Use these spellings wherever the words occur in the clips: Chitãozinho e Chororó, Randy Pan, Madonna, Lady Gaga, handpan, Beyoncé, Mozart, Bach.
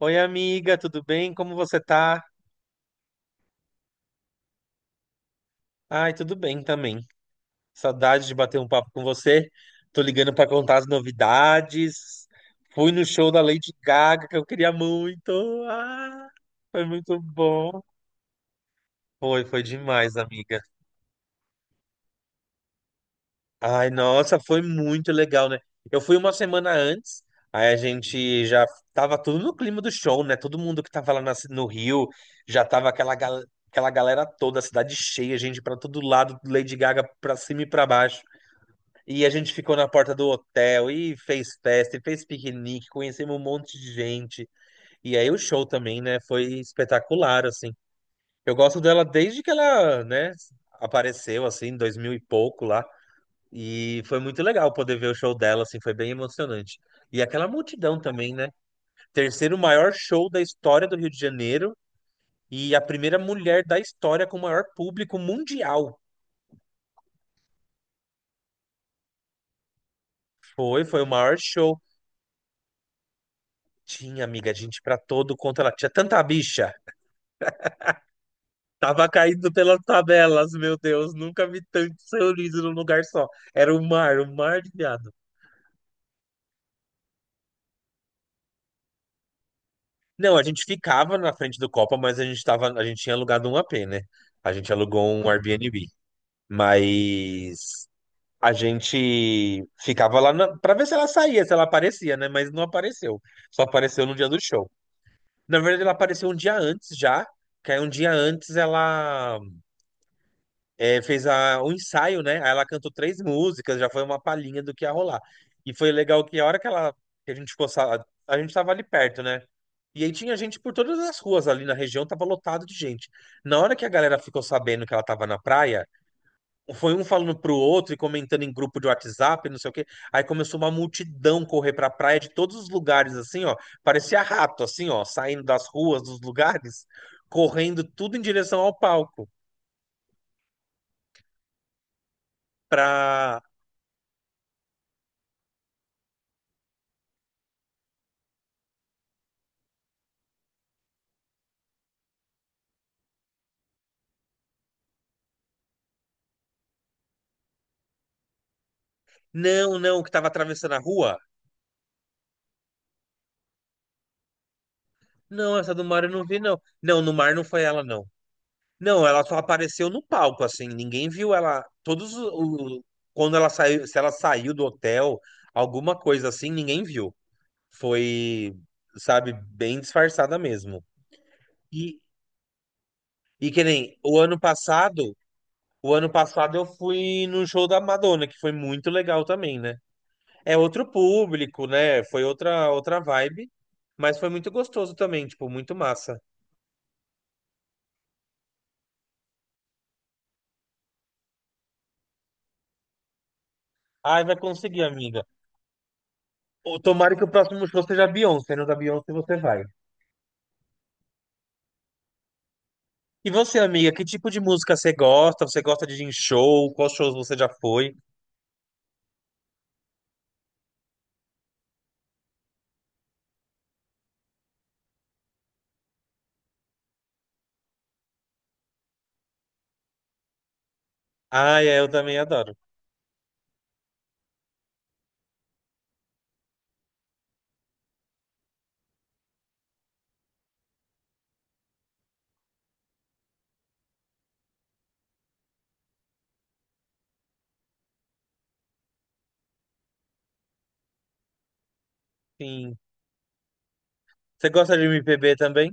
Oi, amiga, tudo bem? Como você tá? Ai, tudo bem também. Saudade de bater um papo com você. Tô ligando pra contar as novidades. Fui no show da Lady Gaga que eu queria muito. Ah, foi muito bom. Foi demais, amiga. Ai, nossa, foi muito legal, né? Eu fui uma semana antes, aí a gente já tava tudo no clima do show, né? Todo mundo que tava lá no Rio, já tava aquela, aquela galera toda, a cidade cheia, gente pra todo lado, Lady Gaga pra cima e pra baixo. E a gente ficou na porta do hotel e fez festa, e fez piquenique, conhecemos um monte de gente. E aí o show também, né? Foi espetacular, assim. Eu gosto dela desde que ela, né, apareceu, assim, em 2000 e pouco lá. E foi muito legal poder ver o show dela, assim, foi bem emocionante. E aquela multidão também, né? Terceiro maior show da história do Rio de Janeiro e a primeira mulher da história com o maior público mundial. Foi o maior show. Tinha, amiga, gente pra todo quanto ela tinha tanta bicha. Tava caindo pelas tabelas, meu Deus, nunca vi tanto sorriso num lugar só. Era o mar de viado. Não, a gente ficava na frente do Copa, mas a gente tinha alugado um AP, né? A gente alugou um Airbnb. Mas a gente ficava lá na... para ver se ela saía, se ela aparecia, né? Mas não apareceu. Só apareceu no dia do show. Na verdade, ela apareceu um dia antes já. Que aí um dia antes ela fez um ensaio, né? Aí ela cantou três músicas, já foi uma palhinha do que ia rolar. E foi legal que a hora que ela que a gente ficou, a gente tava ali perto, né? E aí tinha gente por todas as ruas ali na região, tava lotado de gente. Na hora que a galera ficou sabendo que ela tava na praia, foi um falando pro outro e comentando em grupo de WhatsApp, não sei o quê. Aí começou uma multidão correr pra praia de todos os lugares, assim, ó. Parecia rato, assim, ó, saindo das ruas, dos lugares, correndo tudo em direção ao palco. Pra. Não, não, que tava atravessando a rua. Não, essa do mar eu não vi, não. Não, no mar não foi ela, não. Não, ela só apareceu no palco, assim. Ninguém viu ela. Quando ela saiu, se ela saiu do hotel, alguma coisa assim, ninguém viu. Foi, sabe, bem disfarçada mesmo. E, e que nem o ano passado, o ano passado eu fui no show da Madonna, que foi muito legal também, né? É outro público, né? Foi outra vibe, mas foi muito gostoso também, tipo, muito massa. Ai, vai conseguir, amiga. Ô, tomara que o próximo show seja a Beyoncé, não da Beyoncé você vai. E você, amiga, que tipo de música você gosta? Você gosta de ir em show? Quais shows você já foi? Ai, é, eu também adoro. Sim. Você gosta de MPB também?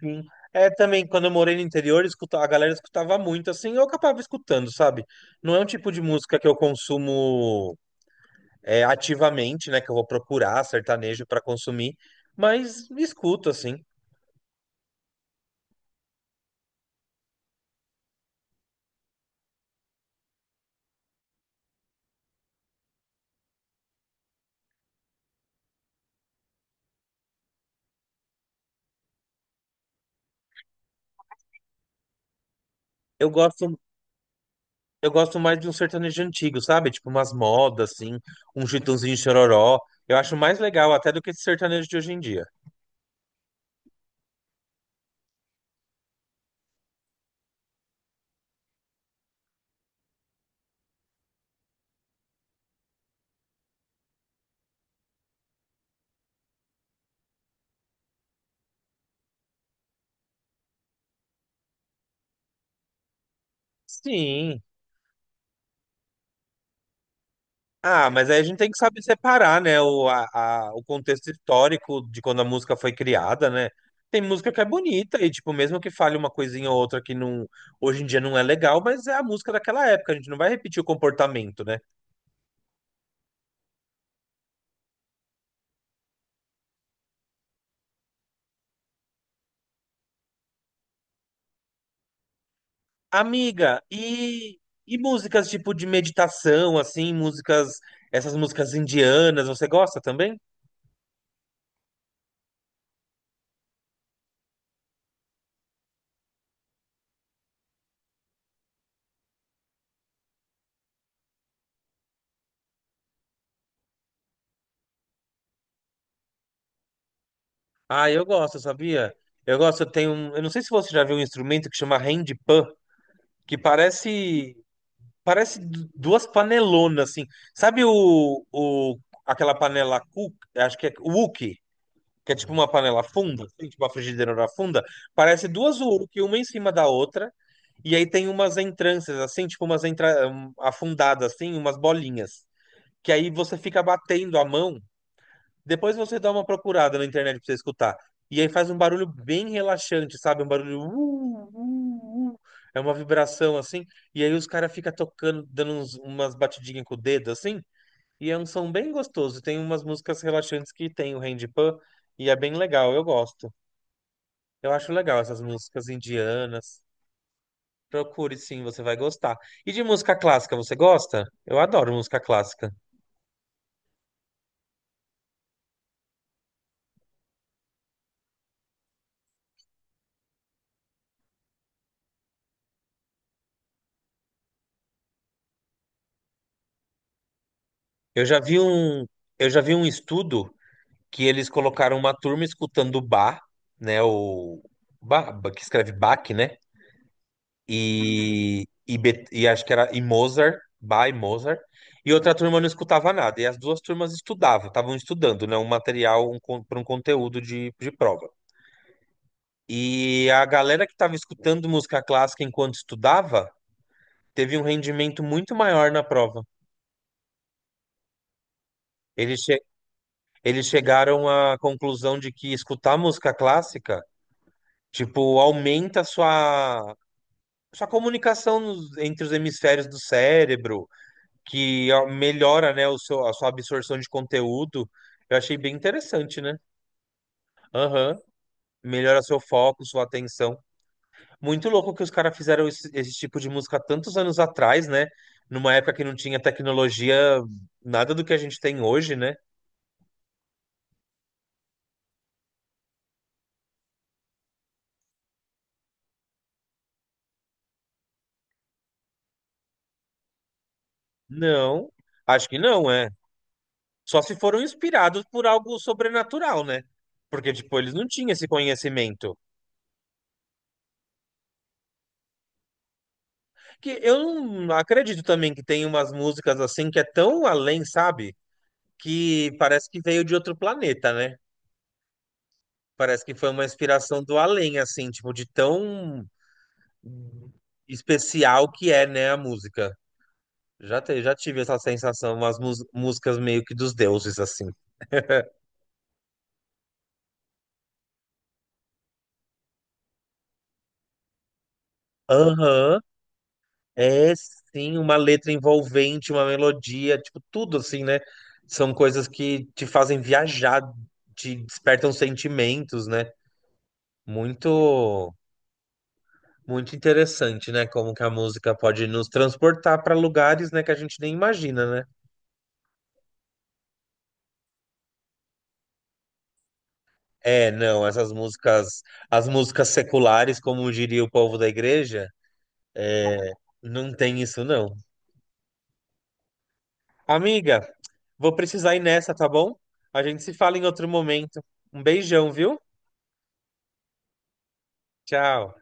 Sim. É também, quando eu morei no interior, a galera escutava muito, assim, eu acabava escutando, sabe? Não é um tipo de música que eu consumo é, ativamente, né? Que eu vou procurar sertanejo pra consumir, mas escuto, assim. Eu gosto, eu gosto mais de um sertanejo antigo, sabe? Tipo umas modas, assim, um Chitãozinho e Chororó. Eu acho mais legal até do que esse sertanejo de hoje em dia. Sim. Ah, mas aí a gente tem que saber separar, né, o contexto histórico de quando a música foi criada, né? Tem música que é bonita e, tipo, mesmo que fale uma coisinha ou outra que não, hoje em dia não é legal, mas é a música daquela época, a gente não vai repetir o comportamento, né? Amiga, e músicas tipo de meditação, assim, músicas, essas músicas indianas, você gosta também? Ah, eu gosto, sabia? Eu gosto, eu tenho, um- eu não sei se você já viu um instrumento que chama handpan, que parece duas panelonas, assim. Sabe aquela panela cook, acho que é wok, que é tipo uma panela funda, assim, tipo uma frigideira funda? Parece duas wok, uma em cima da outra, e aí tem umas entranças, assim, tipo afundadas, assim, umas bolinhas. Que aí você fica batendo a mão depois você dá uma procurada na internet pra você escutar. E aí faz um barulho bem relaxante, sabe? Um barulho. Uh, uh. É uma vibração assim. E aí os caras ficam tocando, dando umas batidinhas com o dedo assim. E é um som bem gostoso. Tem umas músicas relaxantes que tem o Randy Pan. E é bem legal, eu gosto. Eu acho legal essas músicas indianas. Procure sim, você vai gostar. E de música clássica, você gosta? Eu adoro música clássica. Eu já vi um, eu já vi um estudo que eles colocaram uma turma escutando Bach, né? O Bach, que escreve Bach, né? E acho que era e Mozart, Bach e Mozart. E outra turma não escutava nada. E as duas turmas estudavam, estavam estudando, né? Um material para um conteúdo de prova. E a galera que estava escutando música clássica enquanto estudava teve um rendimento muito maior na prova. Eles, che- eles chegaram à conclusão de que escutar música clássica, tipo, aumenta a sua comunicação entre os hemisférios do cérebro, que ó, melhora, né, a sua absorção de conteúdo. Eu achei bem interessante, né? Aham. Melhora seu foco, sua atenção. Muito louco que os caras fizeram esse tipo de música tantos anos atrás, né? Numa época que não tinha tecnologia, nada do que a gente tem hoje, né? Não, acho que não, é. Só se foram inspirados por algo sobrenatural, né? Porque, tipo, eles não tinham esse conhecimento. Que eu não acredito também que tem umas músicas assim que é tão além, sabe? Que parece que veio de outro planeta, né? Parece que foi uma inspiração do além, assim, tipo, de tão especial que é, né, a música. Já tive essa sensação, umas músicas meio que dos deuses, assim. Aham, é sim, uma letra envolvente, uma melodia, tipo, tudo assim, né? São coisas que te fazem viajar, te despertam sentimentos, né? Muito. Muito interessante, né? Como que a música pode nos transportar para lugares, né, que a gente nem imagina, né? É, não, essas músicas, as músicas seculares, como diria o povo da igreja, não tem isso não. Amiga, vou precisar ir nessa, tá bom? A gente se fala em outro momento. Um beijão, viu? Tchau.